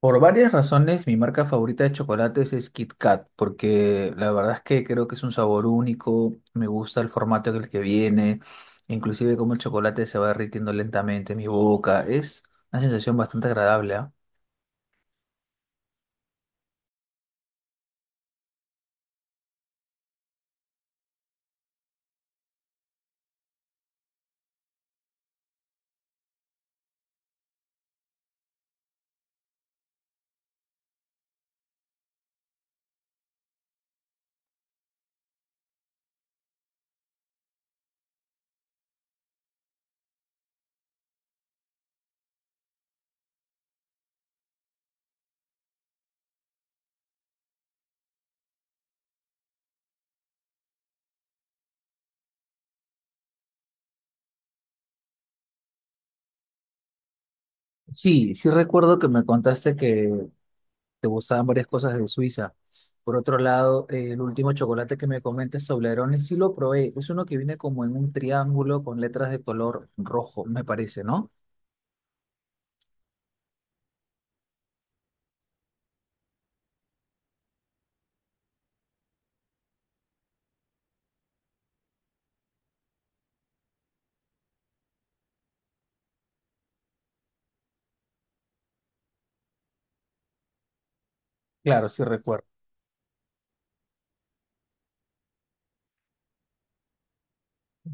Por varias razones, mi marca favorita de chocolates es Kit Kat, porque la verdad es que creo que es un sabor único, me gusta el formato en el que viene, inclusive cómo el chocolate se va derritiendo lentamente en mi boca, es una sensación bastante agradable, ¿ah? Sí, sí recuerdo que me contaste que te gustaban varias cosas de Suiza. Por otro lado, el último chocolate que me comentas, Toblerone, sí lo probé, es uno que viene como en un triángulo con letras de color rojo, me parece, ¿no? Claro, sí recuerdo.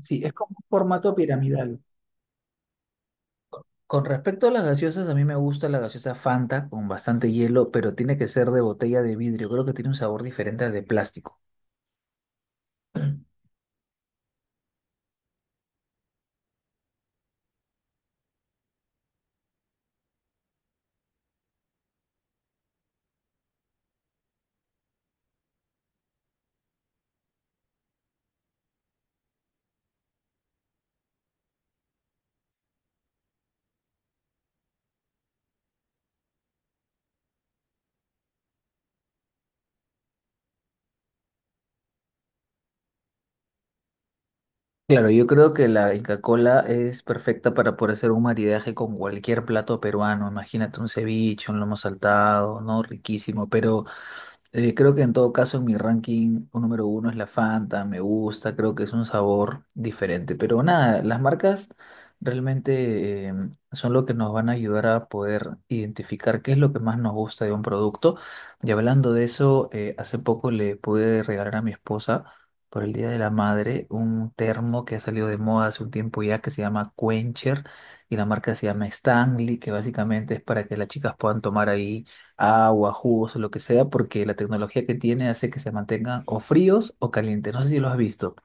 Sí, es como un formato piramidal. Con respecto a las gaseosas, a mí me gusta la gaseosa Fanta con bastante hielo, pero tiene que ser de botella de vidrio. Creo que tiene un sabor diferente al de plástico. Claro, yo creo que la Inca-Cola es perfecta para poder hacer un maridaje con cualquier plato peruano. Imagínate un ceviche, un lomo saltado, ¿no? Riquísimo. Pero creo que en todo caso en mi ranking un número uno es la Fanta, me gusta, creo que es un sabor diferente. Pero nada, las marcas realmente son lo que nos van a ayudar a poder identificar qué es lo que más nos gusta de un producto. Y hablando de eso, hace poco le pude regalar a mi esposa por el Día de la Madre un termo que ha salido de moda hace un tiempo ya que se llama Quencher y la marca se llama Stanley, que básicamente es para que las chicas puedan tomar ahí agua, jugos o lo que sea, porque la tecnología que tiene hace que se mantengan o fríos o calientes. No sé si lo has visto.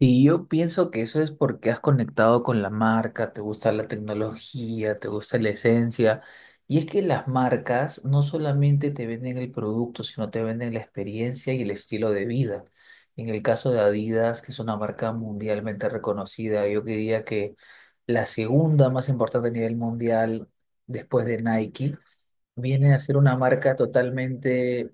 Y yo pienso que eso es porque has conectado con la marca, te gusta la tecnología, te gusta la esencia. Y es que las marcas no solamente te venden el producto, sino te venden la experiencia y el estilo de vida. En el caso de Adidas, que es una marca mundialmente reconocida, yo diría que la segunda más importante a nivel mundial después de Nike viene a ser una marca totalmente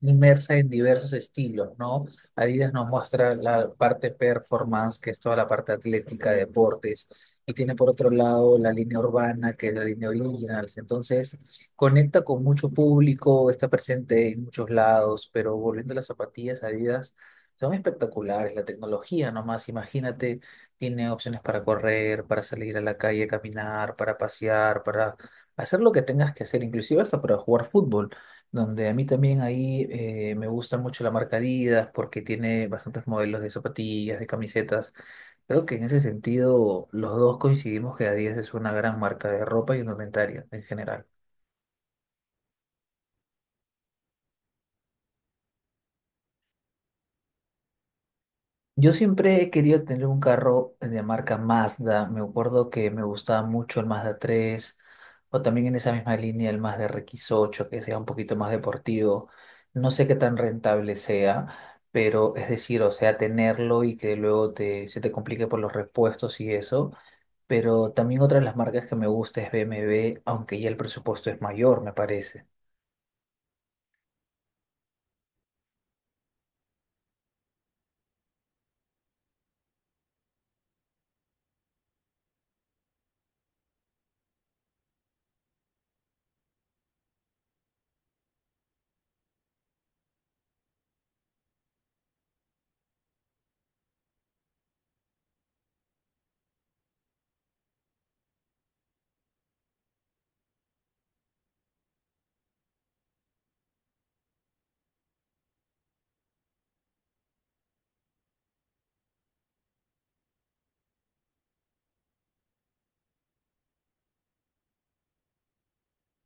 inmersa en diversos estilos, ¿no? Adidas nos muestra la parte performance, que es toda la parte atlética, deportes, y tiene por otro lado la línea urbana, que es la línea originals. Entonces, conecta con mucho público, está presente en muchos lados, pero volviendo a las zapatillas, Adidas. Son espectaculares, la tecnología nomás, imagínate, tiene opciones para correr, para salir a la calle, caminar, para pasear, para hacer lo que tengas que hacer, inclusive hasta para jugar fútbol donde a mí también ahí me gusta mucho la marca Adidas porque tiene bastantes modelos de zapatillas, de camisetas. Creo que en ese sentido los dos coincidimos que Adidas es una gran marca de ropa y indumentaria en general. Yo siempre he querido tener un carro de marca Mazda. Me acuerdo que me gustaba mucho el Mazda 3, o también en esa misma línea el Mazda rx ocho, que sea un poquito más deportivo. No sé qué tan rentable sea, pero es decir, o sea, tenerlo y que luego se te complique por los repuestos y eso. Pero también otra de las marcas que me gusta es BMW, aunque ya el presupuesto es mayor, me parece.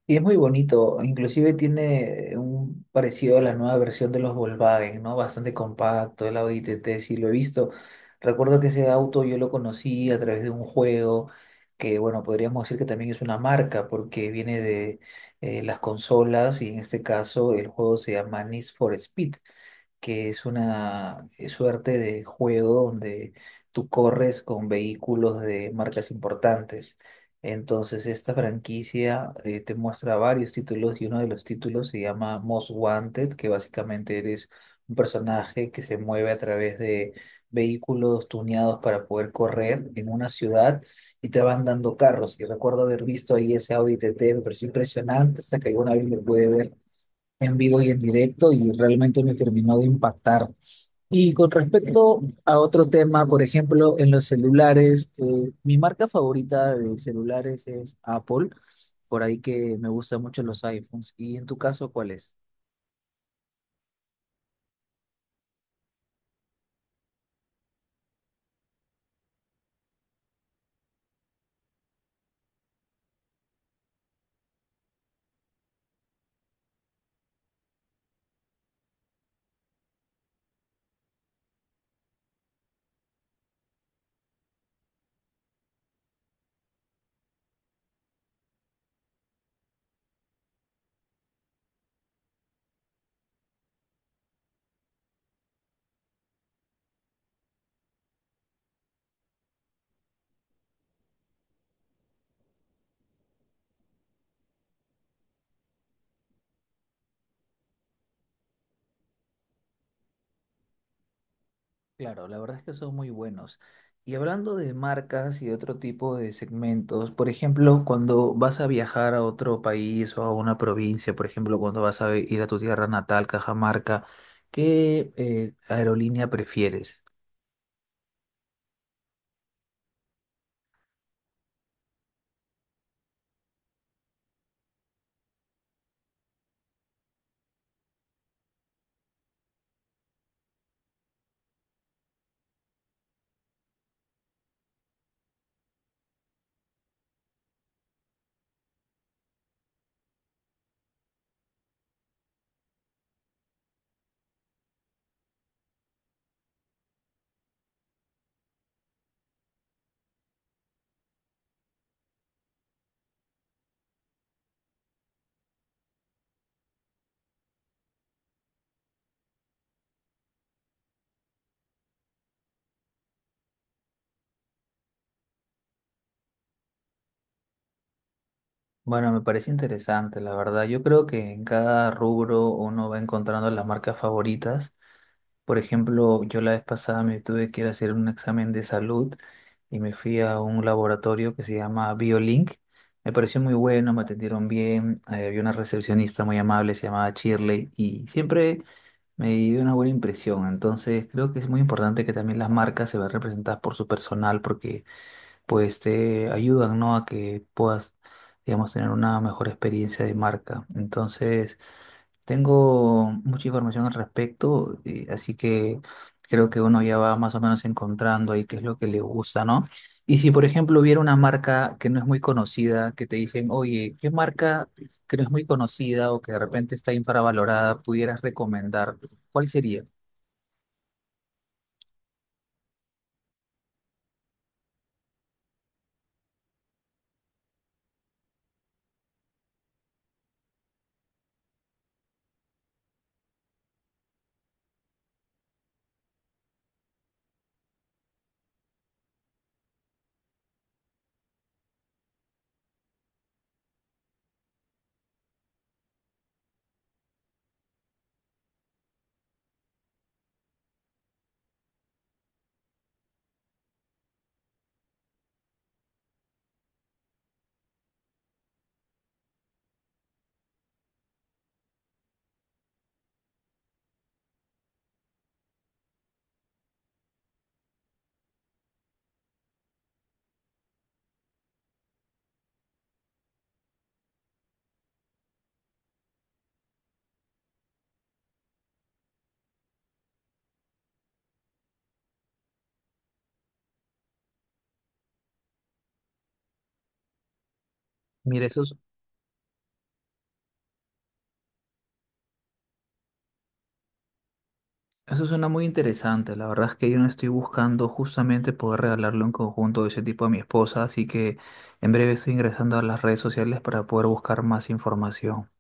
Y es muy bonito, inclusive tiene un parecido a la nueva versión de los Volkswagen, ¿no? Bastante compacto, el Audi TT, sí lo he visto. Recuerdo que ese auto yo lo conocí a través de un juego que, bueno, podríamos decir que también es una marca porque viene de las consolas y en este caso el juego se llama Need for Speed, que es una suerte de juego donde tú corres con vehículos de marcas importantes. Entonces, esta franquicia te muestra varios títulos y uno de los títulos se llama Most Wanted, que básicamente eres un personaje que se mueve a través de vehículos tuneados para poder correr en una ciudad y te van dando carros. Y recuerdo haber visto ahí ese Audi TT, me pareció impresionante hasta que alguna vez me pude ver en vivo y en directo y realmente me terminó de impactar. Y con respecto a otro tema, por ejemplo, en los celulares, mi marca favorita de celulares es Apple, por ahí que me gustan mucho los iPhones. ¿Y en tu caso, cuál es? Claro, la verdad es que son muy buenos. Y hablando de marcas y otro tipo de segmentos, por ejemplo, cuando vas a viajar a otro país o a una provincia, por ejemplo, cuando vas a ir a tu tierra natal, Cajamarca, ¿qué aerolínea prefieres? Bueno, me parece interesante, la verdad. Yo creo que en cada rubro uno va encontrando las marcas favoritas. Por ejemplo, yo la vez pasada me tuve que ir a hacer un examen de salud y me fui a un laboratorio que se llama BioLink. Me pareció muy bueno, me atendieron bien, había una recepcionista muy amable, se llamaba Shirley, y siempre me dio una buena impresión. Entonces, creo que es muy importante que también las marcas se vean representadas por su personal porque pues te ayudan, ¿no?, a que puedas, digamos, tener una mejor experiencia de marca. Entonces, tengo mucha información al respecto, así que creo que uno ya va más o menos encontrando ahí qué es lo que le gusta, ¿no? Y si, por ejemplo, hubiera una marca que no es muy conocida, que te dicen, oye, ¿qué marca que no es muy conocida o que de repente está infravalorada pudieras recomendar? ¿Cuál sería? Mira, eso, eso suena muy interesante. La verdad es que yo no estoy buscando justamente poder regalarle un conjunto de ese tipo a mi esposa, así que en breve estoy ingresando a las redes sociales para poder buscar más información.